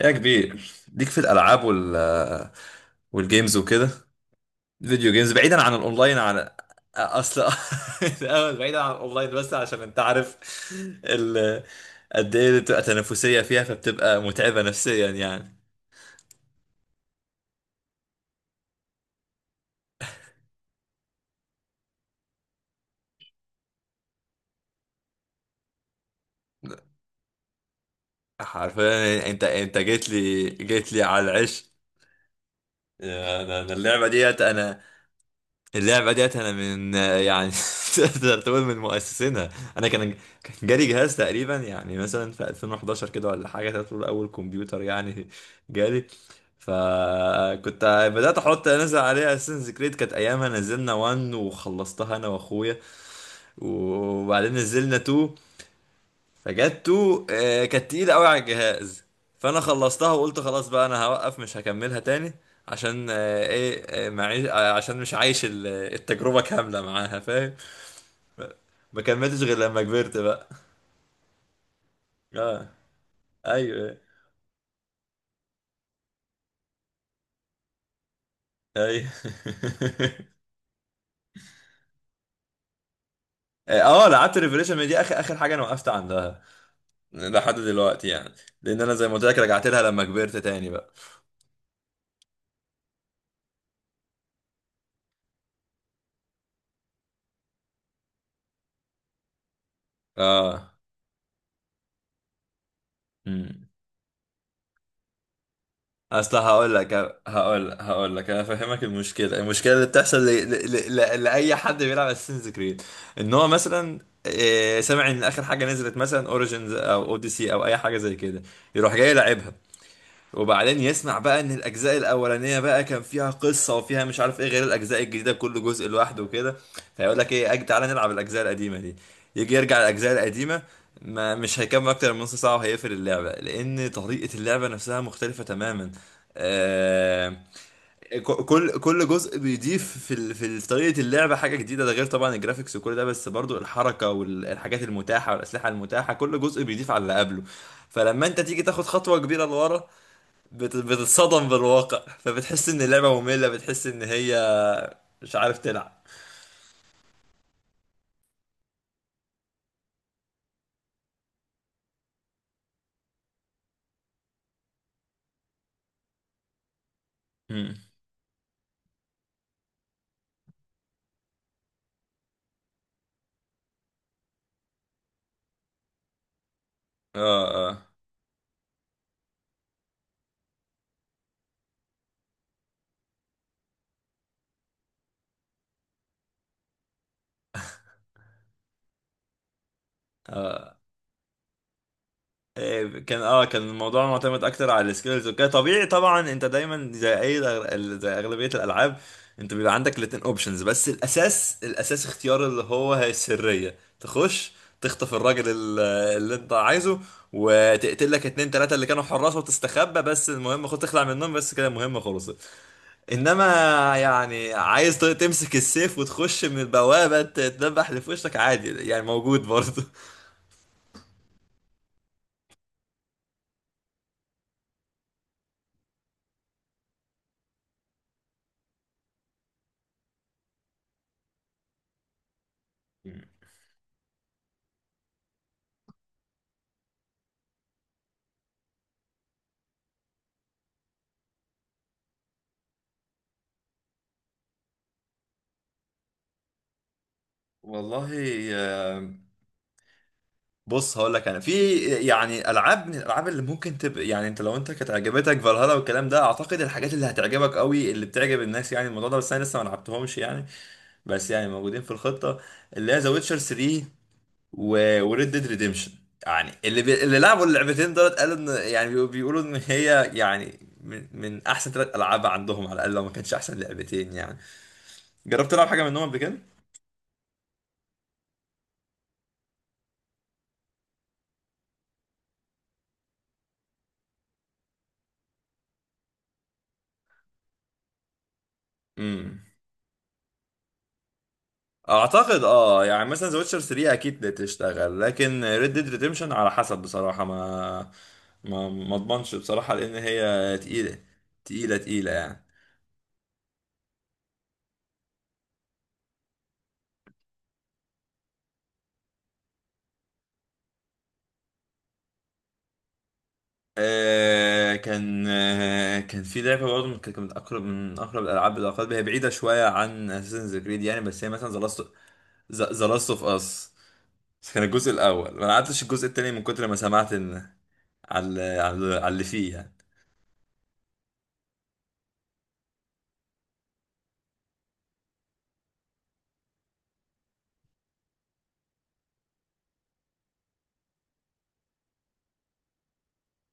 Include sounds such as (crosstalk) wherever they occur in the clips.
يا كبير، ليك في الالعاب والجيمز وكده. فيديو جيمز، بعيدا عن الاونلاين، اصل (laughs) الاول بعيدا عن الاونلاين، بس عشان انت عارف ال... قد ايه بتبقى تنافسيه فيها فبتبقى متعبه نفسيا، يعني حرفيا. انت جيت لي على العش. أنا اللعبه ديت اللعبة ديت أنا من يعني، (laughs) تقدر تقول من مؤسسينها. أنا كان كان جالي جهاز تقريبا، يعني مثلا في 2011 كده ولا حاجة، تقدر تقول أول كمبيوتر يعني. جالي فكنت بدأت أحط أنزل عليها أساسنز كريد، كانت أيامها نزلنا 1 وخلصتها أنا وأخويا. وبعدين نزلنا 2، فجاتو كانت تقيلة قوي على الجهاز، فانا خلصتها وقلت خلاص بقى انا هوقف، مش هكملها تاني. عشان آه، ايه آه، معيش آه، عشان مش عايش التجربة كاملة معاها، فاهم؟ ما كملتش غير لما كبرت بقى. اه، ايوه، ايوه. (laughs) اه، لعبت ريفريشن، ما دي اخر اخر حاجة انا وقفت عندها لحد دلوقتي يعني. لان انا زي ما قلت لك، رجعت لها لما كبرت تاني بقى. اه. اصل هقول لك. هقول لك انا فاهمك. المشكله، اللي بتحصل لاي حد بيلعب اساسنز كريد، ان هو مثلا سامع ان اخر حاجه نزلت مثلا اوريجينز او اوديسي او اي حاجه زي كده، يروح جاي يلعبها. وبعدين يسمع بقى ان الاجزاء الاولانيه بقى كان فيها قصه وفيها مش عارف ايه غير الاجزاء الجديده، كل جزء لوحده وكده. فيقول لك ايه، اجي تعالى نلعب الاجزاء القديمه دي. يجي يرجع الاجزاء القديمه، ما مش هيكمل اكتر من نص ساعه وهيقفل اللعبه، لان طريقه اللعبه نفسها مختلفه تماما. آه كل جزء بيضيف في طريقه اللعبه حاجه جديده. ده غير طبعا الجرافيكس وكل ده، بس برضو الحركه والحاجات المتاحه والاسلحه المتاحه، كل جزء بيضيف على اللي قبله. فلما انت تيجي تاخد خطوه كبيره لورا، بتتصدم بالواقع، فبتحس ان اللعبة مملة، بتحس ان هي مش عارف تلعب. مم. اه اه. كان الموضوع معتمد اكتر على السكيلز وكده، طبيعي طبعا، انت دايما زي اي زي اغلبيه الالعاب، انت بيبقى عندك الاتنين اوبشنز. بس الاساس، اختيار اللي هي السريه. تخش تخطف الراجل اللي انت عايزه، وتقتل لك اتنين تلاته اللي كانوا حراس، وتستخبى. بس المهم خد تخلع منهم، بس كده المهمه خلصت. انما يعني عايز تمسك السيف وتخش من البوابة، تدبح اللي في وشك عادي، يعني موجود برضه. (laughs) والله، آه، بص هقول لك. انا في يعني العاب، من الالعاب اللي ممكن تبقى، يعني انت لو انت كانت عجبتك فالهالا والكلام ده، اعتقد الحاجات اللي هتعجبك قوي اللي بتعجب الناس يعني الموضوع ده، بس انا لسه ما لعبتهمش يعني. بس يعني موجودين في الخطة، اللي هي ذا ويتشر 3 وريد ديد ريديمشن. يعني اللي لعبوا اللعبتين دولت قالوا ان يعني بيقولوا ان هي يعني من احسن ثلاث العاب عندهم على الاقل، لو ما كانش احسن لعبتين يعني. جربت تلعب حاجه منهم قبل كده؟ امم اعتقد اه، يعني مثلا ذا ويتشر 3 اكيد تشتغل، لكن ريد ديد ريديمشن على حسب بصراحه. ما اضمنش بصراحه، لان هي تقيله، تقيله تقيله يعني. كان في لعبة برضه كانت من أقرب الألعاب إلى قلبي، هي بعيدة شوية عن أساسنز كريد يعني، بس هي مثلا ذا لاست أوف أس. بس كان الجزء الأول، ما لعبتش الجزء التاني من كتر ما سمعت إن على اللي فيه يعني.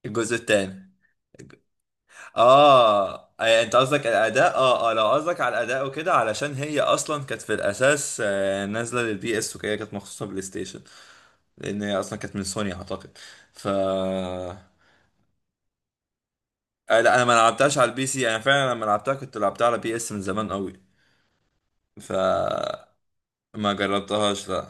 الجزء التاني. أنت قصدك الأداء؟ آه آه، لو قصدك على الأداء وكده، علشان هي أصلا كانت في الأساس نازلة للبي إس وكده، كانت مخصوصة بلاي ستيشن، لأن هي أصلا كانت من سوني أعتقد. ف لا، انا ما لعبتهاش على البي سي. انا فعلا لما لعبتها كنت لعبتها على بي اس من زمان قوي. ف ما جربتهاش لا.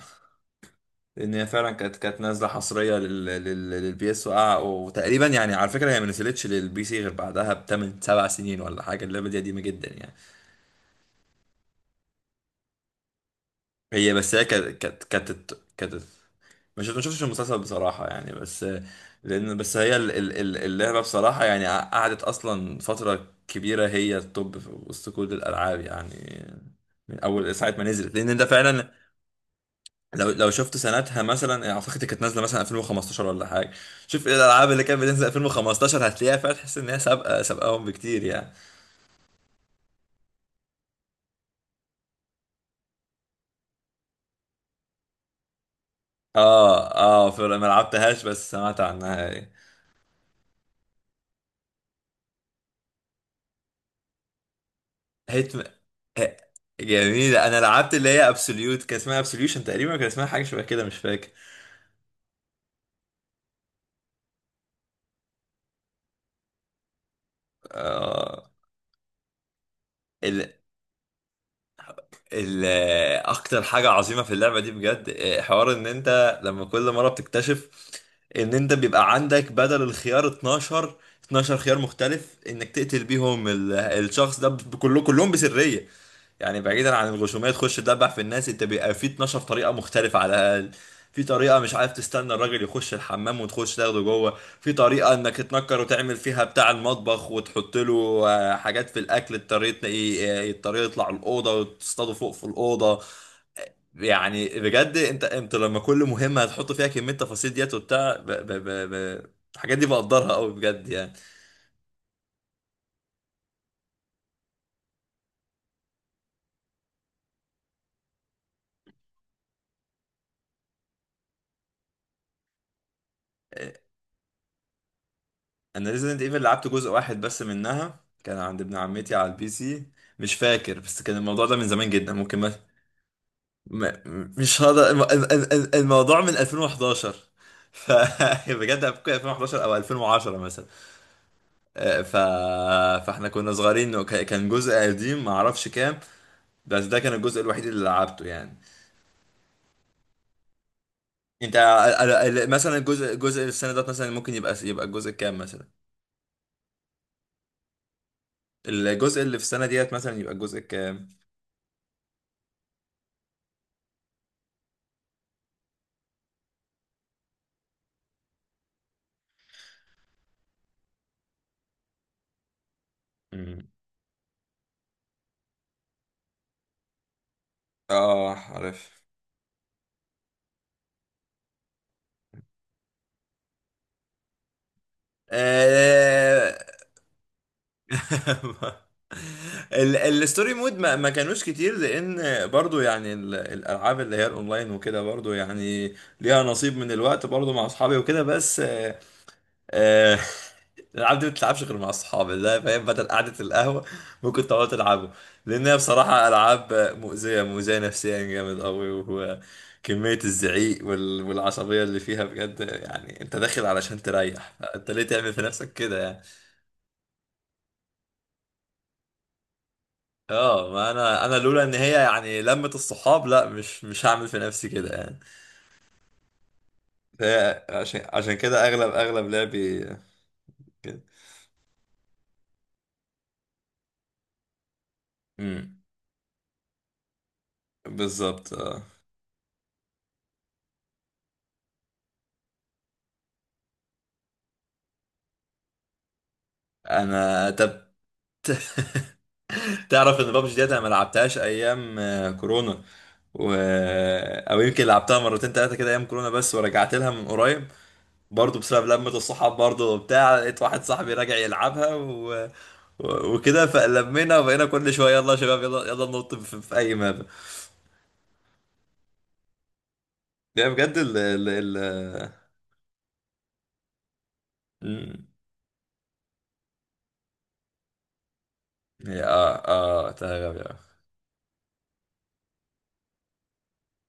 لان هي فعلا كانت نازله حصريه للبي اس وقع. وتقريبا يعني، على فكره، هي ما نزلتش للبي سي غير بعدها بتمن سبع سنين ولا حاجه، اللعبه دي قديمه جدا يعني. هي كانت مش، ما شفتش المسلسل بصراحة يعني. بس لأن بس هي اللعبة بصراحة يعني قعدت أصلا فترة كبيرة هي التوب في وسط كل الألعاب يعني، من أول ساعة ما نزلت. لأن أنت فعلا لو شفت سنتها، مثلا أعتقد كانت نازلة مثلا 2015 ولا حاجة. شوف إيه الألعاب اللي كانت بتنزل 2015، هتلاقيها فعلا تحس إن هي سابقة سابقاهم بكتير يعني. آه آه، فما لعبتهاش بس سمعت عنها يعني. هيتمان. ه- جميلة. انا لعبت اللي هي ابسوليوت، كان اسمها ابسوليوشن تقريبا، كان اسمها حاجة شبه كده، مش فاكر. آه... ال... ال... اكتر حاجة عظيمة في اللعبة دي بجد حوار ان انت لما كل مرة بتكتشف ان انت بيبقى عندك بدل الخيار 12 خيار مختلف انك تقتل بيهم الشخص ده، كلهم بسرية. يعني بعيدا عن الغشوميه تخش تدبح في الناس، انت بيبقى في 12 طريقه مختلفه على الاقل. في طريقه مش عارف، تستنى الراجل يخش الحمام وتخش تاخده جوه. في طريقه انك تنكر وتعمل فيها بتاع المطبخ وتحط له حاجات في الاكل. الطريقه يطلع الاوضه وتصطاده فوق في الاوضه. يعني بجد انت لما كل مهمه هتحط فيها كميه تفاصيل ديت وبتاع ب... الحاجات دي بقدرها قوي بجد يعني. انا ريزيدنت ايفل لعبت جزء واحد بس منها، كان عند ابن عمتي على البي سي، مش فاكر. بس كان الموضوع ده من زمان جدا، ممكن ما- مش هقدر الموضوع من 2011. ف (laughs) بجد ممكن 2011 او 2010 مثلا. آه، ف فاحنا كنا صغيرين، كان جزء قديم ما اعرفش كام، بس ده كان الجزء الوحيد اللي لعبته يعني. انت مثلا الجزء اللي في السنه ديت مثلا ممكن يبقى الجزء كام مثلا؟ الجزء اللي في السنه ديت مثلا يبقى الجزء كام؟ اه عارف. آه، (laughs) الستوري مود ما كانوش كتير، لان برضو يعني الالعاب اللي هي الاونلاين وكده برضو يعني ليها نصيب من الوقت برضو مع اصحابي وكده. بس آه، (laughs) الألعاب دي ما بتلعبش غير مع أصحاب، لا فاهم، بدل قعدة القهوة ممكن تقعدوا تلعبوا. لأن هي بصراحة ألعاب مؤذية، مؤذية نفسيا جامد أوي، وكمية الزعيق والعصبية اللي فيها بجد. يعني أنت داخل علشان تريح، أنت ليه تعمل في نفسك كده يعني؟ اه. ما أنا لولا إن هي يعني لمة الصحاب، لا، مش هعمل في نفسي كده يعني. فهي عشان كده أغلب لعبي كده. امم بالظبط اه. انا طب تعرف ان بابجي ديت انا ما لعبتهاش ايام كورونا و... آه، او يمكن لعبتها مرتين ثلاثه كده ايام كورونا. بس ورجعت لها من قريب، برضه بسبب لمة الصحاب برضه وبتاع. لقيت واحد صاحبي راجع يلعبها وكده فلمينا وبقينا كل شويه، يلا يا شباب، يلا يلا ننط في اي ماب. يعني بجد ال ال ال مم. هي اه اه تمام آه.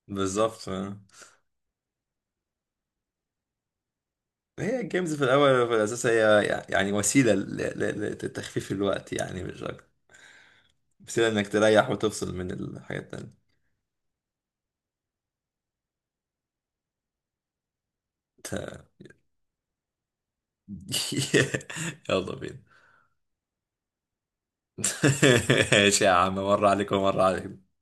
بالظبط آه. هي الجيمز في الاول وفي الاساس هي يعني وسيله لتخفيف الوقت يعني، مش اكتر، وسيلة انك تريح وتفصل من الحاجات التانية. (laughs) يلا بينا. (laughs) ماشي يا عم، مرة عليك ومرة عليك.